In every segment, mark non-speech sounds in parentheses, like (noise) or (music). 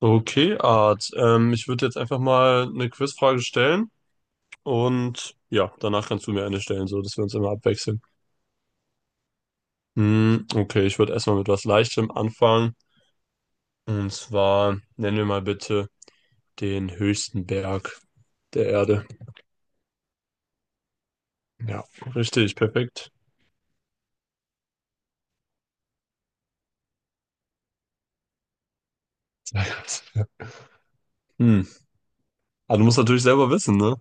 Okay, Art. Ich würde jetzt einfach mal eine Quizfrage stellen und ja, danach kannst du mir eine stellen, so dass wir uns immer abwechseln. Okay, ich würde erstmal mit was Leichtem anfangen. Und zwar nennen wir mal bitte den höchsten Berg der Erde. Ja, richtig, perfekt. Sehr gut. Hm. Aber du musst natürlich selber wissen, ne?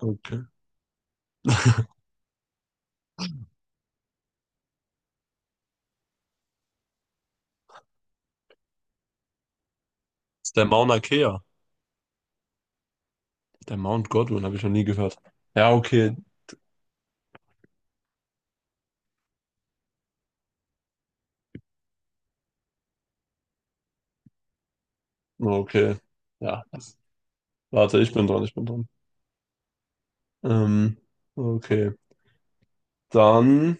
Okay. Das ist der Mauna Kea. Der Mount Godwin, habe ich noch nie gehört. Ja, okay. Okay. Ja. Warte, ich bin dran, ich bin dran. Ähm, okay. Dann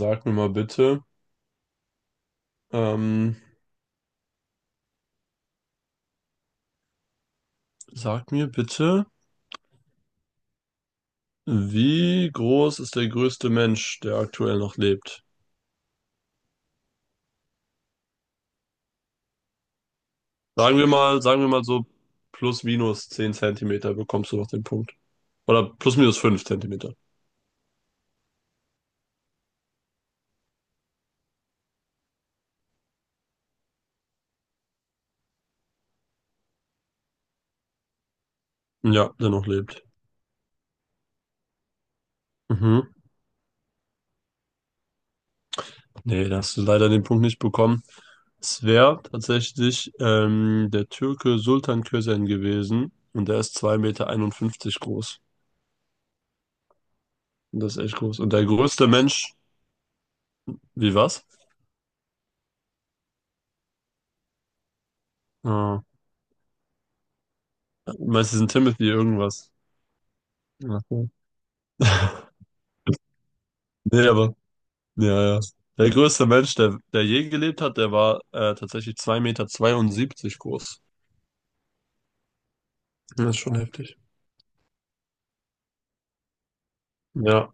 sag mir mal bitte, ähm, sag mir bitte, wie groß ist der größte Mensch, der aktuell noch lebt? Sagen wir mal so plus minus 10 Zentimeter bekommst du noch den Punkt. Oder plus minus 5 Zentimeter. Ja, der noch lebt. Mhm. Nee, da hast du leider den Punkt nicht bekommen. Es wäre tatsächlich der Türke Sultan Kösen gewesen, und der ist 2 Meter 51 groß. Und das ist echt groß. Und der größte Mensch, wie was? Ah, meistens ein Timothy irgendwas. Ja. Nee, aber, ja, ja. Der größte Mensch, der je gelebt hat, der war tatsächlich 2 Meter 72 groß. Das ist schon heftig. Ja.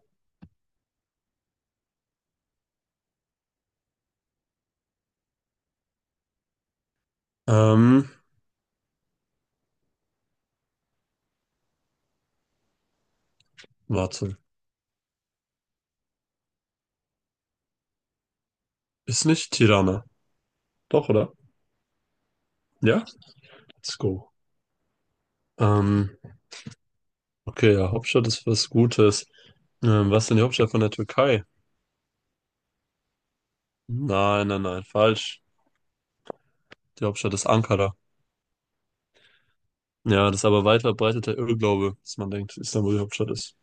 Ähm, warte. Ist nicht Tirana. Doch, oder? Ja? Let's go. Ähm, okay, ja, Hauptstadt ist was Gutes. Was ist denn die Hauptstadt von der Türkei? Nein, nein, nein, falsch. Die Hauptstadt ist Ankara. Ja, das ist aber weit verbreiteter Irrglaube, dass man denkt, Istanbul die Hauptstadt ist.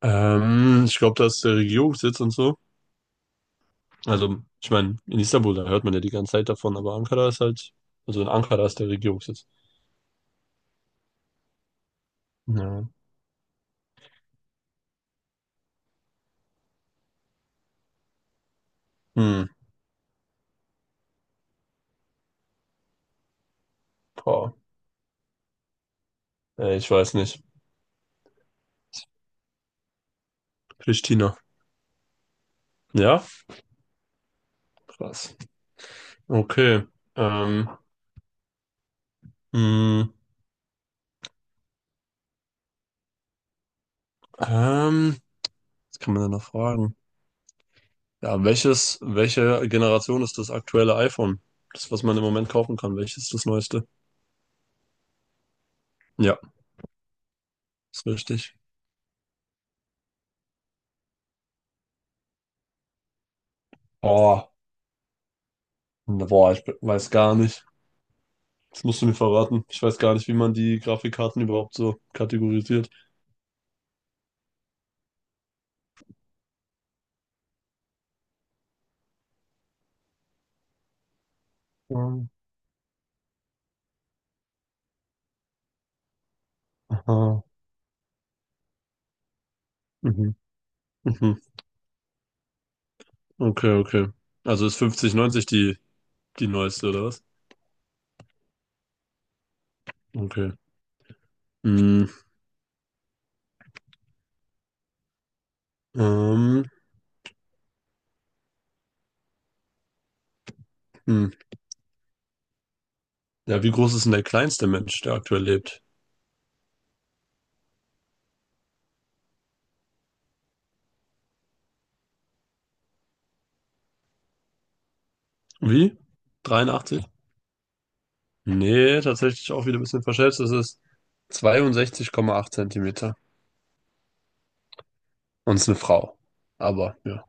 Ich glaube, da ist der Regierungssitz und so. Also, ich meine, in Istanbul, da hört man ja die ganze Zeit davon, aber Ankara ist halt, also in Ankara ist der Regierungssitz. Ja. Hm, boah. Ey, ich weiß nicht. Pristina. Ja? Krass. Okay. Ähm, hm, ähm, was kann man da noch fragen? Ja, welche Generation ist das aktuelle iPhone? Das, was man im Moment kaufen kann, welches ist das neueste? Ja, ist richtig. Oh, boah, weiß gar nicht. Das musst du mir verraten. Ich weiß gar nicht, wie man die Grafikkarten überhaupt so kategorisiert. Ähm, Aha. Mhm. Mhm. Okay, okay. Also ist 5090 die neueste, oder was? Okay. Mhm. Ähm, hm. Ja, wie groß ist denn der kleinste Mensch, der aktuell lebt? Wie? 83? Nee, tatsächlich auch wieder ein bisschen verschätzt. Es ist 62,8 Zentimeter. Und es ist eine Frau. Aber, ja.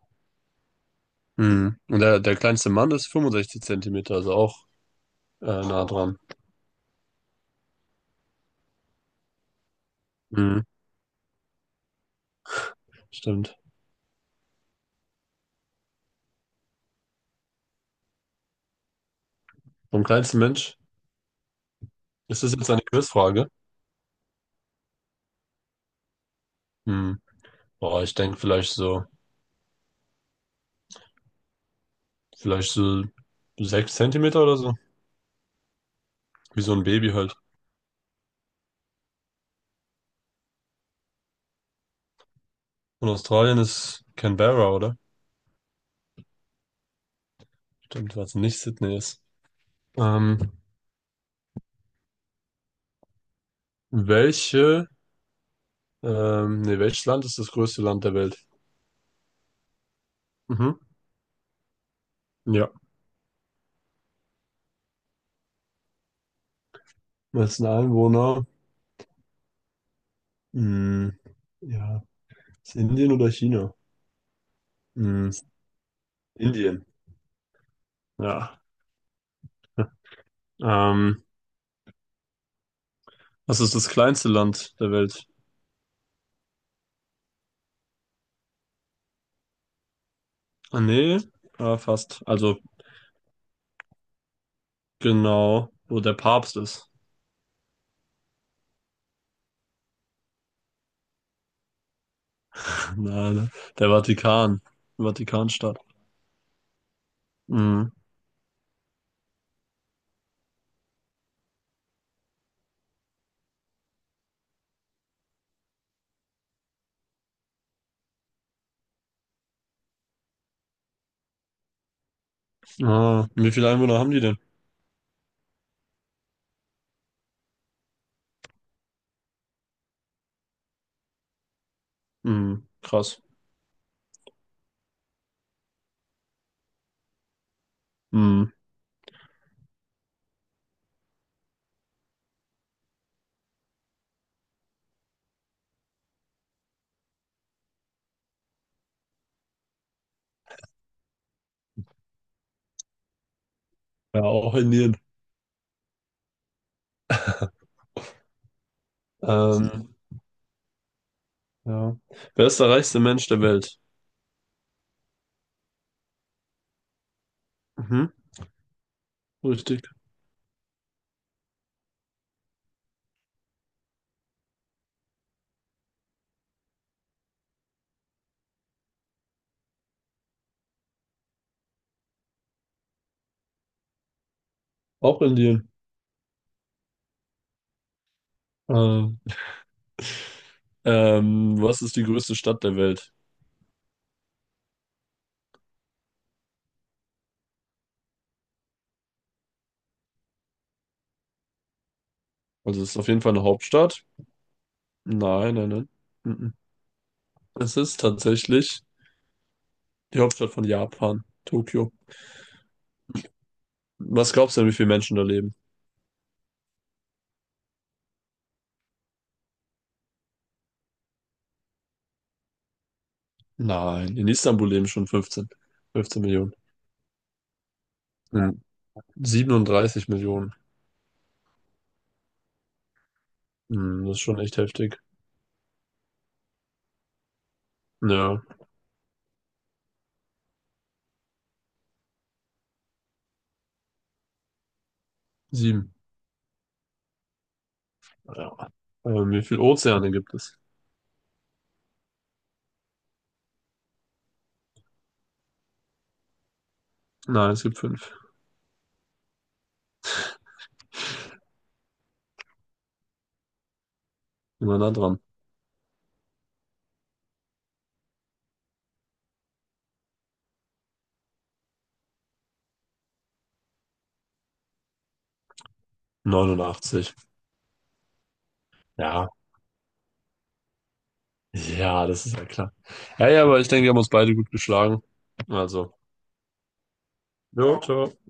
Mhm. Und der kleinste Mann ist 65 Zentimeter, also auch nah dran. Mhm. Stimmt. Vom kleinsten Mensch? Ist das jetzt eine Quizfrage? Hm. Boah, ich denke vielleicht so 6 Zentimeter oder so. Wie so ein Baby halt. Und Australien ist Canberra, oder? Stimmt, was nicht Sydney ist. Ähm, welche, nee, welches Land ist das größte Land der Welt? Mhm. Ja. Wessen Einwohner? Hm. Ja. Ist Indien oder China? Hm. Indien. Ja. (laughs) Ähm, was ist das kleinste Land der Welt? Ah, nee, ah, fast. Also genau, wo der Papst ist. (laughs) Nein, der Vatikan. Vatikanstadt. Mhm. Ah, wie viele Einwohner haben die denn? Mhm, krass. Mhm. Ja, auch Indien. Ähm, ja. Wer ist der reichste Mensch der Welt? Mhm, richtig. Auch Indien. Ähm, was ist die größte Stadt der Welt? Also es ist auf jeden Fall eine Hauptstadt. Nein, nein, nein. Mhm. Es ist tatsächlich die Hauptstadt von Japan, Tokio. Was glaubst du denn, wie viele Menschen da leben? Nein, in Istanbul leben schon 15. 15 Millionen. Ja. 37 Millionen. Hm, das ist schon echt heftig. Ja, 7. Ja. Wie viele Ozeane gibt es? Nein, es gibt 5. Immer nah dran. 89. Ja. Ja, das ist ja klar. Ja, ja, aber ich denke, wir haben uns beide gut geschlagen. Also. Jo, ciao.